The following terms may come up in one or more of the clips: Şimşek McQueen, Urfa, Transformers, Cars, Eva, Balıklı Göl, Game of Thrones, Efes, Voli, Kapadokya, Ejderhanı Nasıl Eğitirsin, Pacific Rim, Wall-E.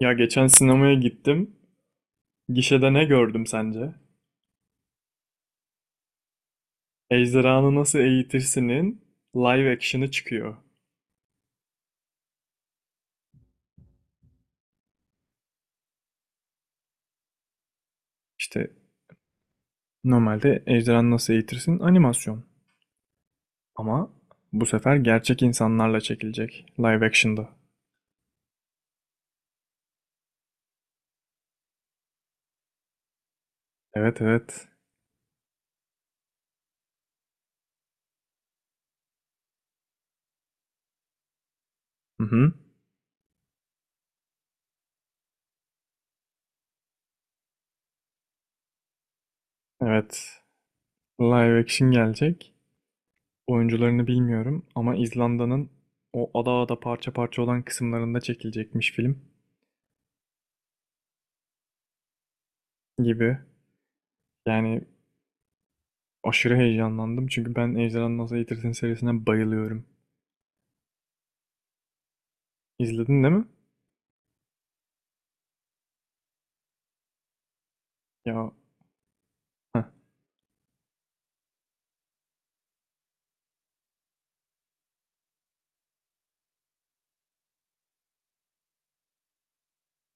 Ya geçen sinemaya gittim. Gişede ne gördüm sence? Ejderhanı Nasıl Eğitirsin'in live action'ı çıkıyor. İşte normalde Ejderhanı Nasıl Eğitirsin animasyon. Ama bu sefer gerçek insanlarla çekilecek live action'da. Evet, evet. Hı hı. Evet. Live action gelecek. Oyuncularını bilmiyorum ama İzlanda'nın o ada ada parça parça olan kısımlarında çekilecekmiş film gibi. Yani aşırı heyecanlandım çünkü ben Ejderhanı Nasıl Eğitirsin serisine bayılıyorum. İzledin değil mi? Ya, heh.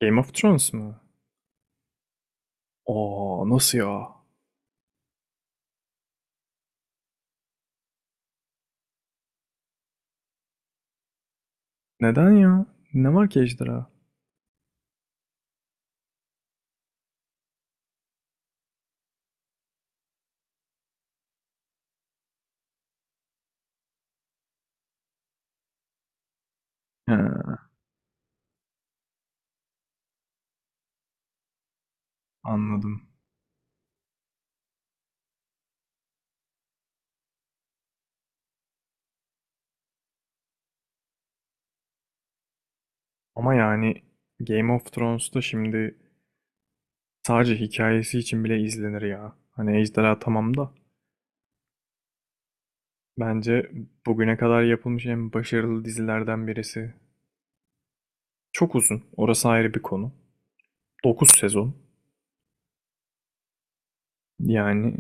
Game of Thrones mu? Oo, nasıl ya? Neden ya? Ne var ki ejderha? He, anladım. Ama yani Game of Thrones'ta şimdi sadece hikayesi için bile izlenir ya. Hani ejderha tamam da bence bugüne kadar yapılmış en başarılı dizilerden birisi. Çok uzun. Orası ayrı bir konu. 9 sezon. Yani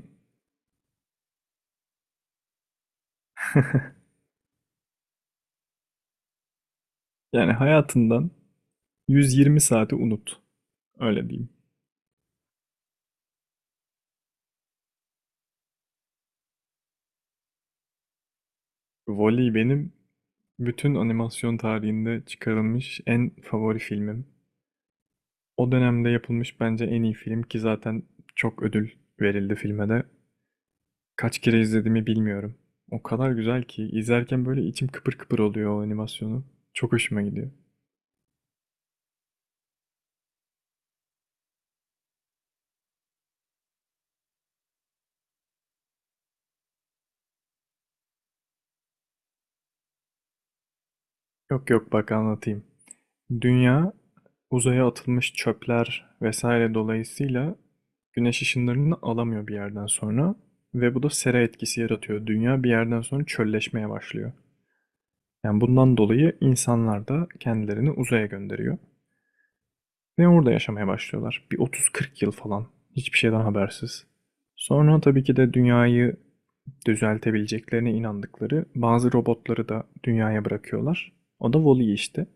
yani hayatından 120 saati unut. Öyle diyeyim. Wall-E benim bütün animasyon tarihinde çıkarılmış en favori filmim. O dönemde yapılmış bence en iyi film, ki zaten çok ödül verildi filme de. Kaç kere izlediğimi bilmiyorum. O kadar güzel ki izlerken böyle içim kıpır kıpır oluyor o animasyonu. Çok hoşuma gidiyor. Yok yok, bak anlatayım. Dünya, uzaya atılmış çöpler vesaire dolayısıyla güneş ışınlarını alamıyor bir yerden sonra ve bu da sera etkisi yaratıyor. Dünya bir yerden sonra çölleşmeye başlıyor. Yani bundan dolayı insanlar da kendilerini uzaya gönderiyor ve orada yaşamaya başlıyorlar. Bir 30-40 yıl falan, hiçbir şeyden habersiz. Sonra tabii ki de dünyayı düzeltebileceklerine inandıkları bazı robotları da dünyaya bırakıyorlar. O da Wall-E işte.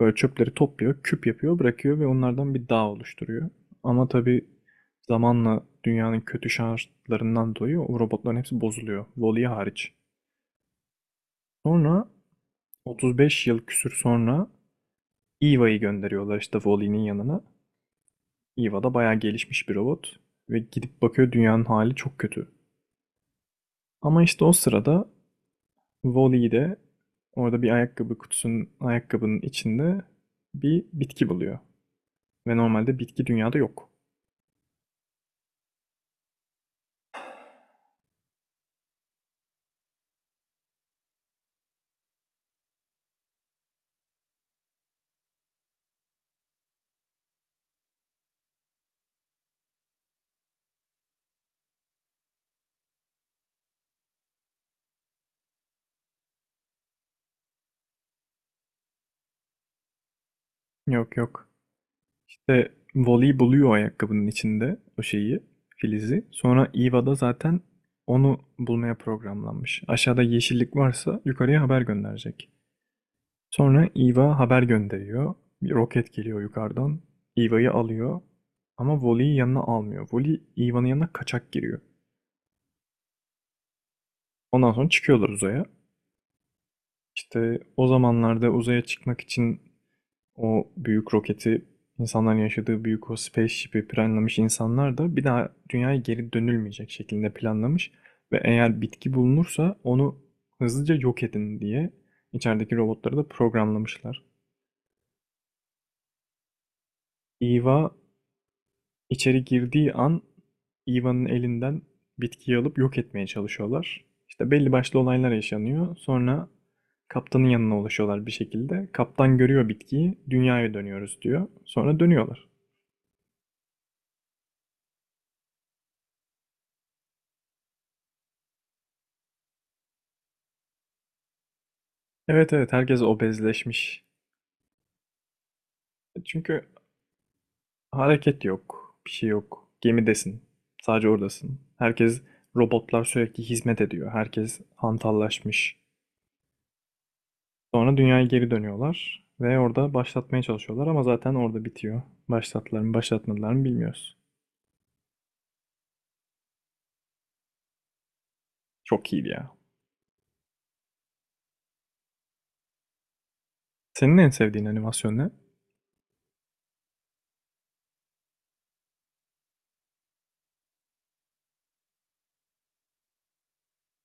Böyle çöpleri topluyor, küp yapıyor, bırakıyor ve onlardan bir dağ oluşturuyor. Ama tabii zamanla dünyanın kötü şartlarından dolayı o robotların hepsi bozuluyor. Wall-E hariç. Sonra 35 yıl küsür sonra Eva'yı gönderiyorlar işte Wall-E'nin yanına. Eva da bayağı gelişmiş bir robot ve gidip bakıyor, dünyanın hali çok kötü. Ama işte o sırada Wall-E orada bir ayakkabı kutusunun, ayakkabının içinde bir bitki buluyor. Ve normalde bitki dünyada yok. Yok yok. İşte Voli buluyor ayakkabının içinde o şeyi, filizi. Sonra Eva da zaten onu bulmaya programlanmış. Aşağıda yeşillik varsa yukarıya haber gönderecek. Sonra Eva haber gönderiyor. Bir roket geliyor yukarıdan. Eva'yı alıyor. Ama Voli'yi yanına almıyor. Voli Eva'nın yanına kaçak giriyor. Ondan sonra çıkıyorlar uzaya. İşte o zamanlarda uzaya çıkmak için o büyük roketi, insanların yaşadığı büyük o spaceship'i planlamış insanlar da bir daha dünyaya geri dönülmeyecek şekilde planlamış ve eğer bitki bulunursa onu hızlıca yok edin diye içerideki robotları da programlamışlar. Eva içeri girdiği an Eva'nın elinden bitkiyi alıp yok etmeye çalışıyorlar. İşte belli başlı olaylar yaşanıyor. Sonra kaptanın yanına ulaşıyorlar bir şekilde. Kaptan görüyor bitkiyi, dünyaya dönüyoruz diyor. Sonra dönüyorlar. Evet, evet, herkes obezleşmiş. Çünkü hareket yok, bir şey yok. Gemidesin. Sadece oradasın. Herkes, robotlar sürekli hizmet ediyor. Herkes hantallaşmış. Sonra dünyaya geri dönüyorlar ve orada başlatmaya çalışıyorlar ama zaten orada bitiyor. Başlattılar mı, başlatmadılar mı bilmiyoruz. Çok iyiydi ya. Senin en sevdiğin animasyon ne?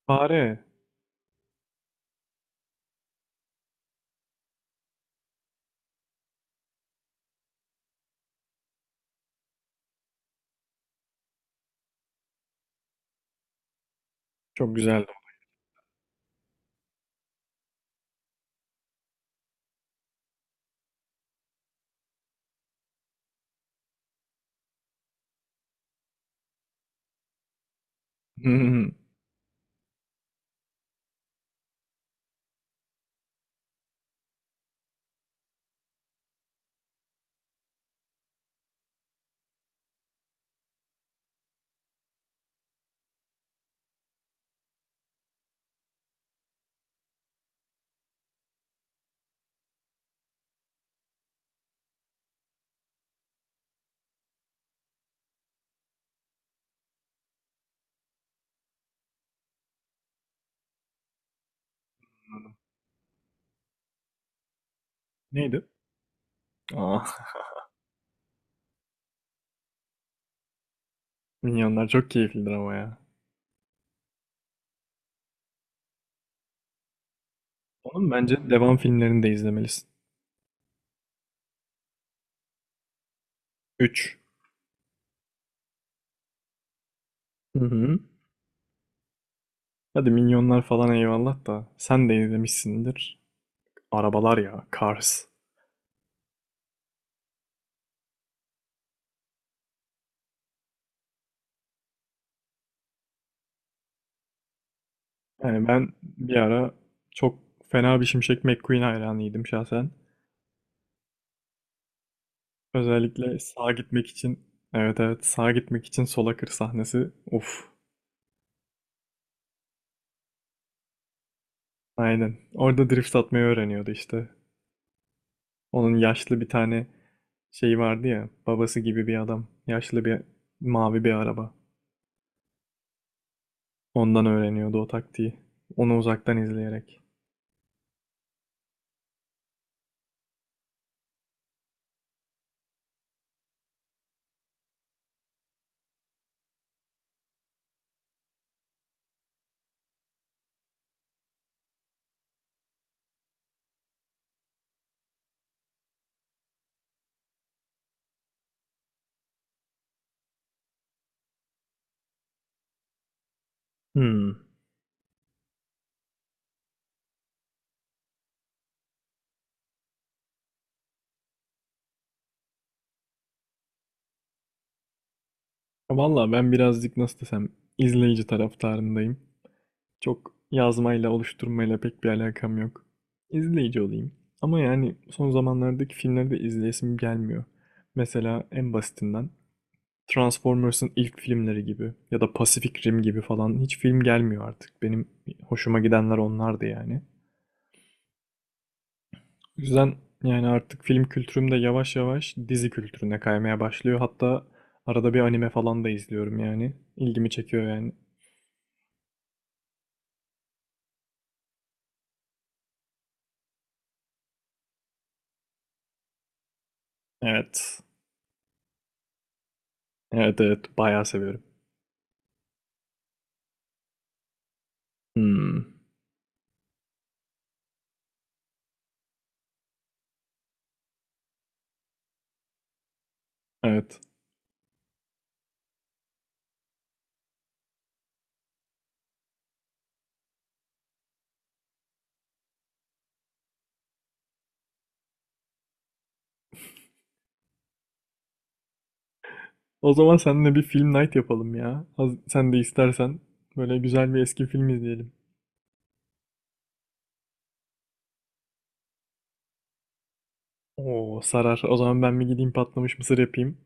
Fare. Çok güzeldi. Neydi? Aa, Minyonlar çok keyiflidir ama ya. Onun bence devam filmlerini de izlemelisin. 3. Hadi minyonlar falan eyvallah da sen de izlemişsindir. Arabalar ya, Cars. Yani ben bir ara çok fena bir Şimşek McQueen hayranıydım şahsen. Özellikle sağa gitmek için, evet evet, sağa gitmek için sola kır sahnesi. Uf, aynen. Orada drift atmayı öğreniyordu işte. Onun yaşlı bir tane şeyi vardı ya, babası gibi bir adam. Yaşlı bir, mavi bir araba. Ondan öğreniyordu o taktiği. Onu uzaktan izleyerek. Hmm. Valla ben birazcık nasıl desem, izleyici taraftarındayım. Çok yazmayla, oluşturmayla pek bir alakam yok. İzleyici olayım. Ama yani son zamanlardaki filmleri de izleyesim gelmiyor. Mesela en basitinden Transformers'ın ilk filmleri gibi ya da Pacific Rim gibi falan hiç film gelmiyor artık. Benim hoşuma gidenler onlardı yani. O yüzden yani artık film kültürüm de yavaş yavaş dizi kültürüne kaymaya başlıyor. Hatta arada bir anime falan da izliyorum yani. İlgimi çekiyor yani. Evet. Evet evet, bayağı seviyorum. Hmm, evet. O zaman seninle bir film night yapalım ya. Sen de istersen böyle güzel bir eski film izleyelim. Oo, sarar. O zaman ben bir gideyim patlamış mısır yapayım.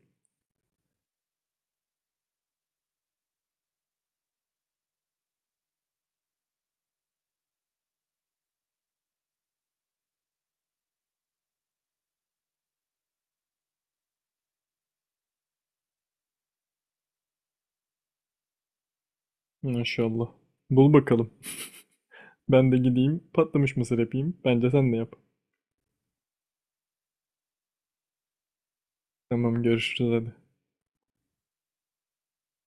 Maşallah. Bul bakalım. Ben de gideyim patlamış mısır yapayım. Bence sen de yap. Tamam, görüşürüz hadi.